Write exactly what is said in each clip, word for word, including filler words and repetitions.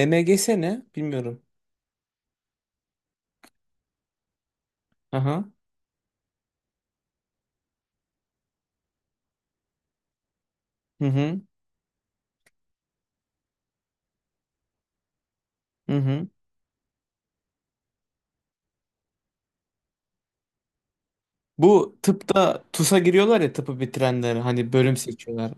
E M G S ne? Bilmiyorum. Aha. Hı hı. Hı hı. Bu tıpta TUS'a giriyorlar ya tıpı bitirenler hani bölüm seçiyorlar.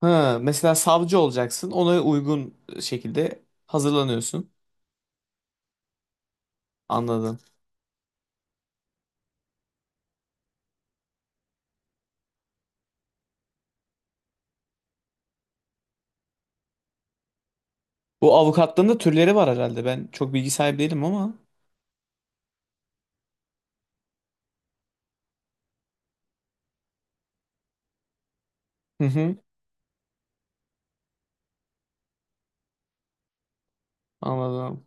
Ha, mesela savcı olacaksın. Ona uygun şekilde hazırlanıyorsun. Anladım. Bu avukatlığın da türleri var herhalde. Ben çok bilgi sahibi değilim ama. Hı hı. Anladım.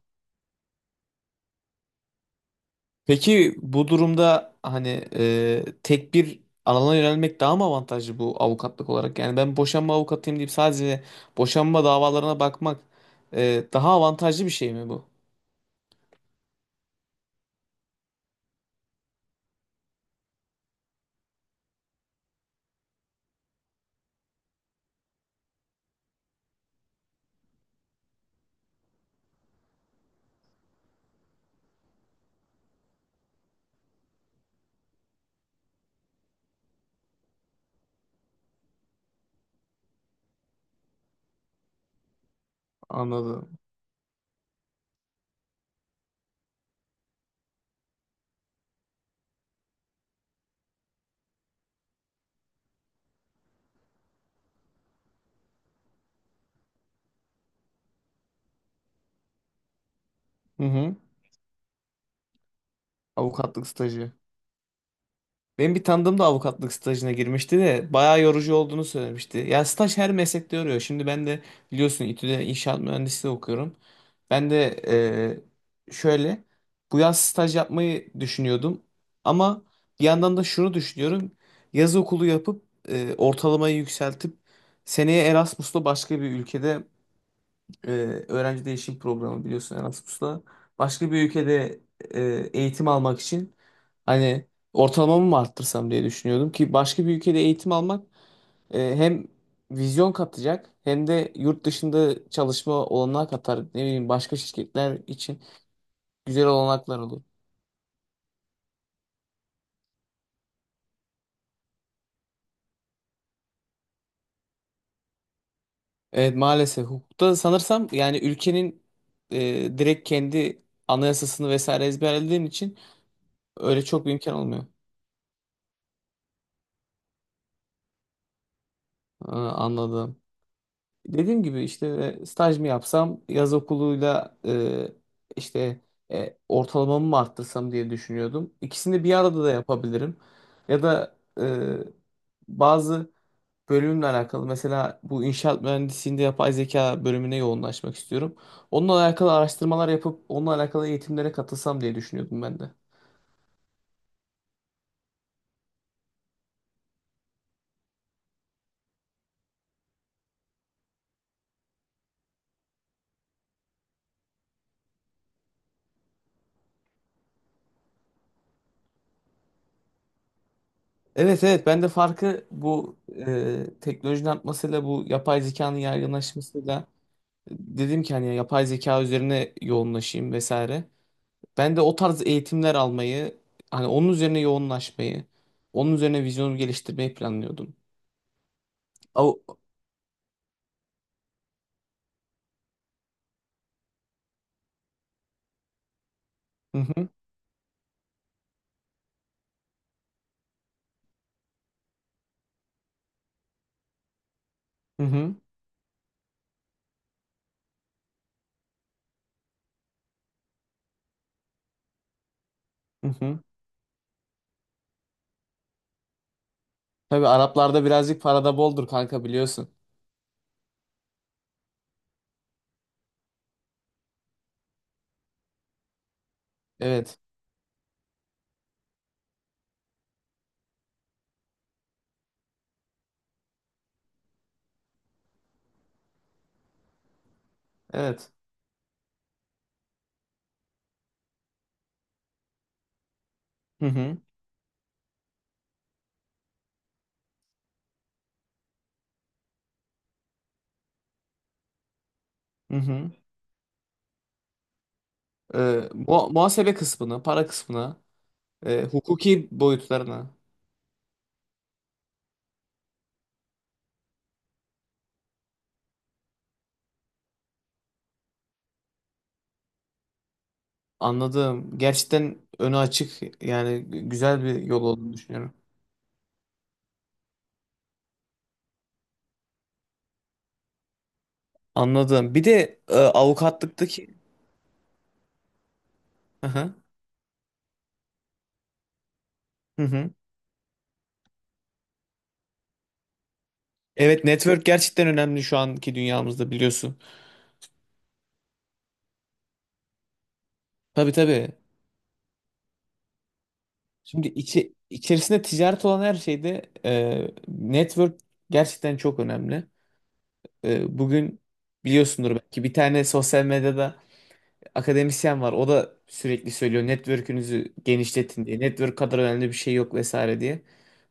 Peki bu durumda hani e, tek bir alana yönelmek daha mı avantajlı bu avukatlık olarak? Yani ben boşanma avukatıyım deyip sadece boşanma davalarına bakmak e, daha avantajlı bir şey mi bu? Anladım. Hı hı. Avukatlık stajı. Benim bir tanıdığım da avukatlık stajına girmişti de bayağı yorucu olduğunu söylemişti. Ya staj her meslekte yoruyor. Şimdi ben de biliyorsun İ T Ü'de inşaat mühendisliği okuyorum. Ben de e, şöyle bu yaz staj yapmayı düşünüyordum. Ama bir yandan da şunu düşünüyorum. Yaz okulu yapıp e, ortalamayı yükseltip seneye Erasmus'la başka bir ülkede e, öğrenci değişim programı biliyorsun Erasmus'la. Başka bir ülkede e, eğitim almak için hani ortalamamı mı arttırsam diye düşünüyordum ki başka bir ülkede eğitim almak e, hem vizyon katacak hem de yurt dışında çalışma olanağı katar. Ne bileyim başka şirketler için güzel olanaklar olur. Evet, maalesef hukukta sanırsam yani ülkenin e, direkt kendi anayasasını vesaire ezberlediğin için öyle çok bir imkan olmuyor. Ha, anladım. Dediğim gibi işte e, staj mı yapsam, yaz okuluyla e, işte e, ortalamamı mı arttırsam diye düşünüyordum. İkisini bir arada da yapabilirim. Ya da e, bazı bölümle alakalı mesela bu inşaat mühendisliğinde yapay zeka bölümüne yoğunlaşmak istiyorum. Onunla alakalı araştırmalar yapıp onunla alakalı eğitimlere katılsam diye düşünüyordum ben de. Evet, evet, ben de farkı bu e, teknolojinin artmasıyla bu yapay zekanın yaygınlaşmasıyla dedim ki hani yapay zeka üzerine yoğunlaşayım vesaire. Ben de o tarz eğitimler almayı, hani onun üzerine yoğunlaşmayı, onun üzerine vizyonumu geliştirmeyi planlıyordum. Av- Hı hı, hı hı, hı hı. Tabii Araplarda birazcık parada boldur kanka biliyorsun. Evet, evet. Hı hı, hı hı. Ee, mu- muhasebe kısmına, para kısmına, e, hukuki boyutlarına. Anladım. Gerçekten önü açık yani güzel bir yol olduğunu düşünüyorum. Anladım. Bir de e, avukatlıktaki. Aha. Hı hı. Evet, network gerçekten önemli şu anki dünyamızda biliyorsun. Tabii, tabii. Şimdi içi, içerisinde ticaret olan her şeyde e, network gerçekten çok önemli. E, bugün biliyorsundur belki bir tane sosyal medyada akademisyen var. O da sürekli söylüyor network'ünüzü genişletin diye. Network kadar önemli bir şey yok vesaire diye.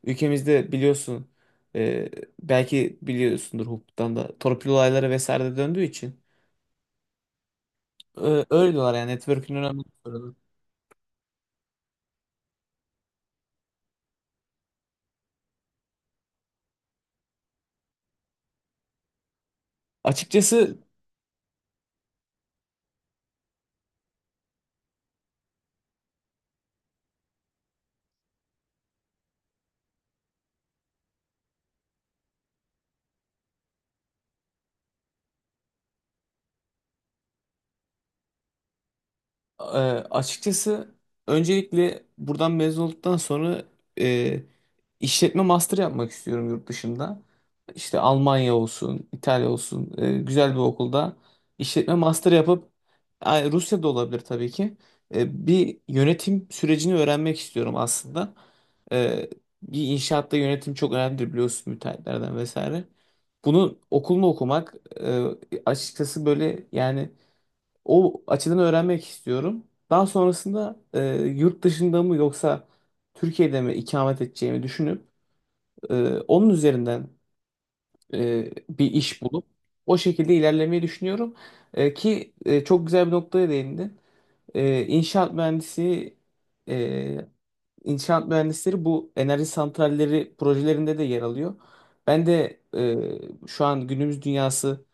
Ülkemizde biliyorsun e, belki biliyorsundur hukuktan da torpil olayları vesaire de döndüğü için. Ö- Öyle diyorlar yani network'ün önemli. Açıkçası e, Açıkçası öncelikle buradan mezun olduktan sonra e, işletme master yapmak istiyorum yurt dışında. İşte Almanya olsun, İtalya olsun e, güzel bir okulda işletme master yapıp ay, Rusya'da olabilir tabii ki. E, bir yönetim sürecini öğrenmek istiyorum aslında. E, Bir inşaatta yönetim çok önemlidir biliyorsun müteahhitlerden vesaire. Bunu okulunu okumak e, açıkçası böyle yani. O açıdan öğrenmek istiyorum. Daha sonrasında e, yurt dışında mı yoksa Türkiye'de mi ikamet edeceğimi düşünüp e, onun üzerinden e, bir iş bulup o şekilde ilerlemeyi düşünüyorum. E, ki e, çok güzel bir noktaya değindin. E, inşaat mühendisi e, İnşaat mühendisleri bu enerji santralleri projelerinde de yer alıyor. Ben de e, şu an günümüz dünyası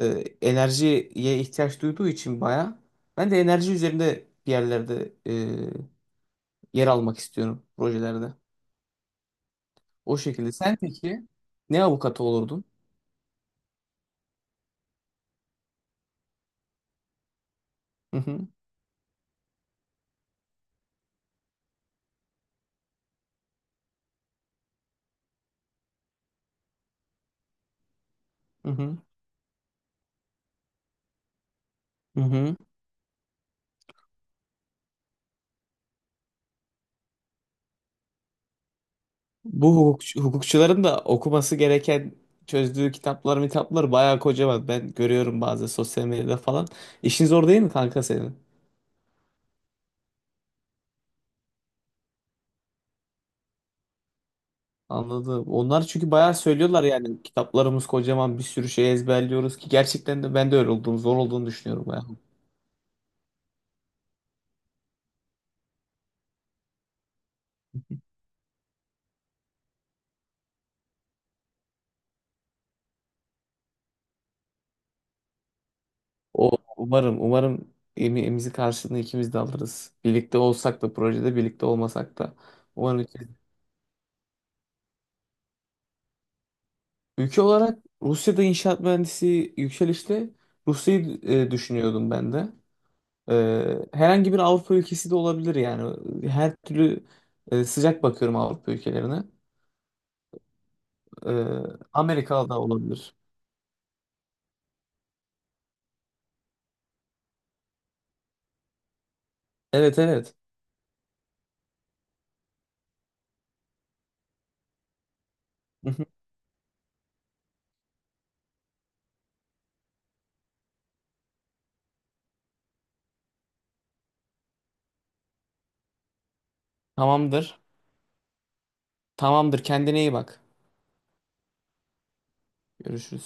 e, enerjiye ihtiyaç duyduğu için baya ben de enerji üzerinde bir yerlerde e, yer almak istiyorum projelerde. O şekilde. Sen peki ne avukatı olurdun? Hı hı, hı hı, hı hı. Bu hukukçu- hukukçuların da okuması gereken çözdüğü kitaplar mitaplar bayağı kocaman. Ben görüyorum bazı sosyal medyada falan. İşin zor değil mi kanka senin? Anladım. Onlar çünkü bayağı söylüyorlar yani kitaplarımız kocaman, bir sürü şey ezberliyoruz ki gerçekten de ben de öyle olduğunu, zor olduğunu düşünüyorum. O umarım, umarım emeğimizi karşılığını ikimiz de alırız. Birlikte olsak da projede birlikte olmasak da umarım ikimiz- ülke olarak Rusya'da inşaat mühendisi yükselişte, Rusya'yı e, düşünüyordum ben de. E, herhangi bir Avrupa ülkesi de olabilir yani. Her türlü e, sıcak bakıyorum Avrupa ülkelerine. E, Amerika da olabilir. Evet, evet. Hı hı. Tamamdır. Tamamdır. Kendine iyi bak. Görüşürüz.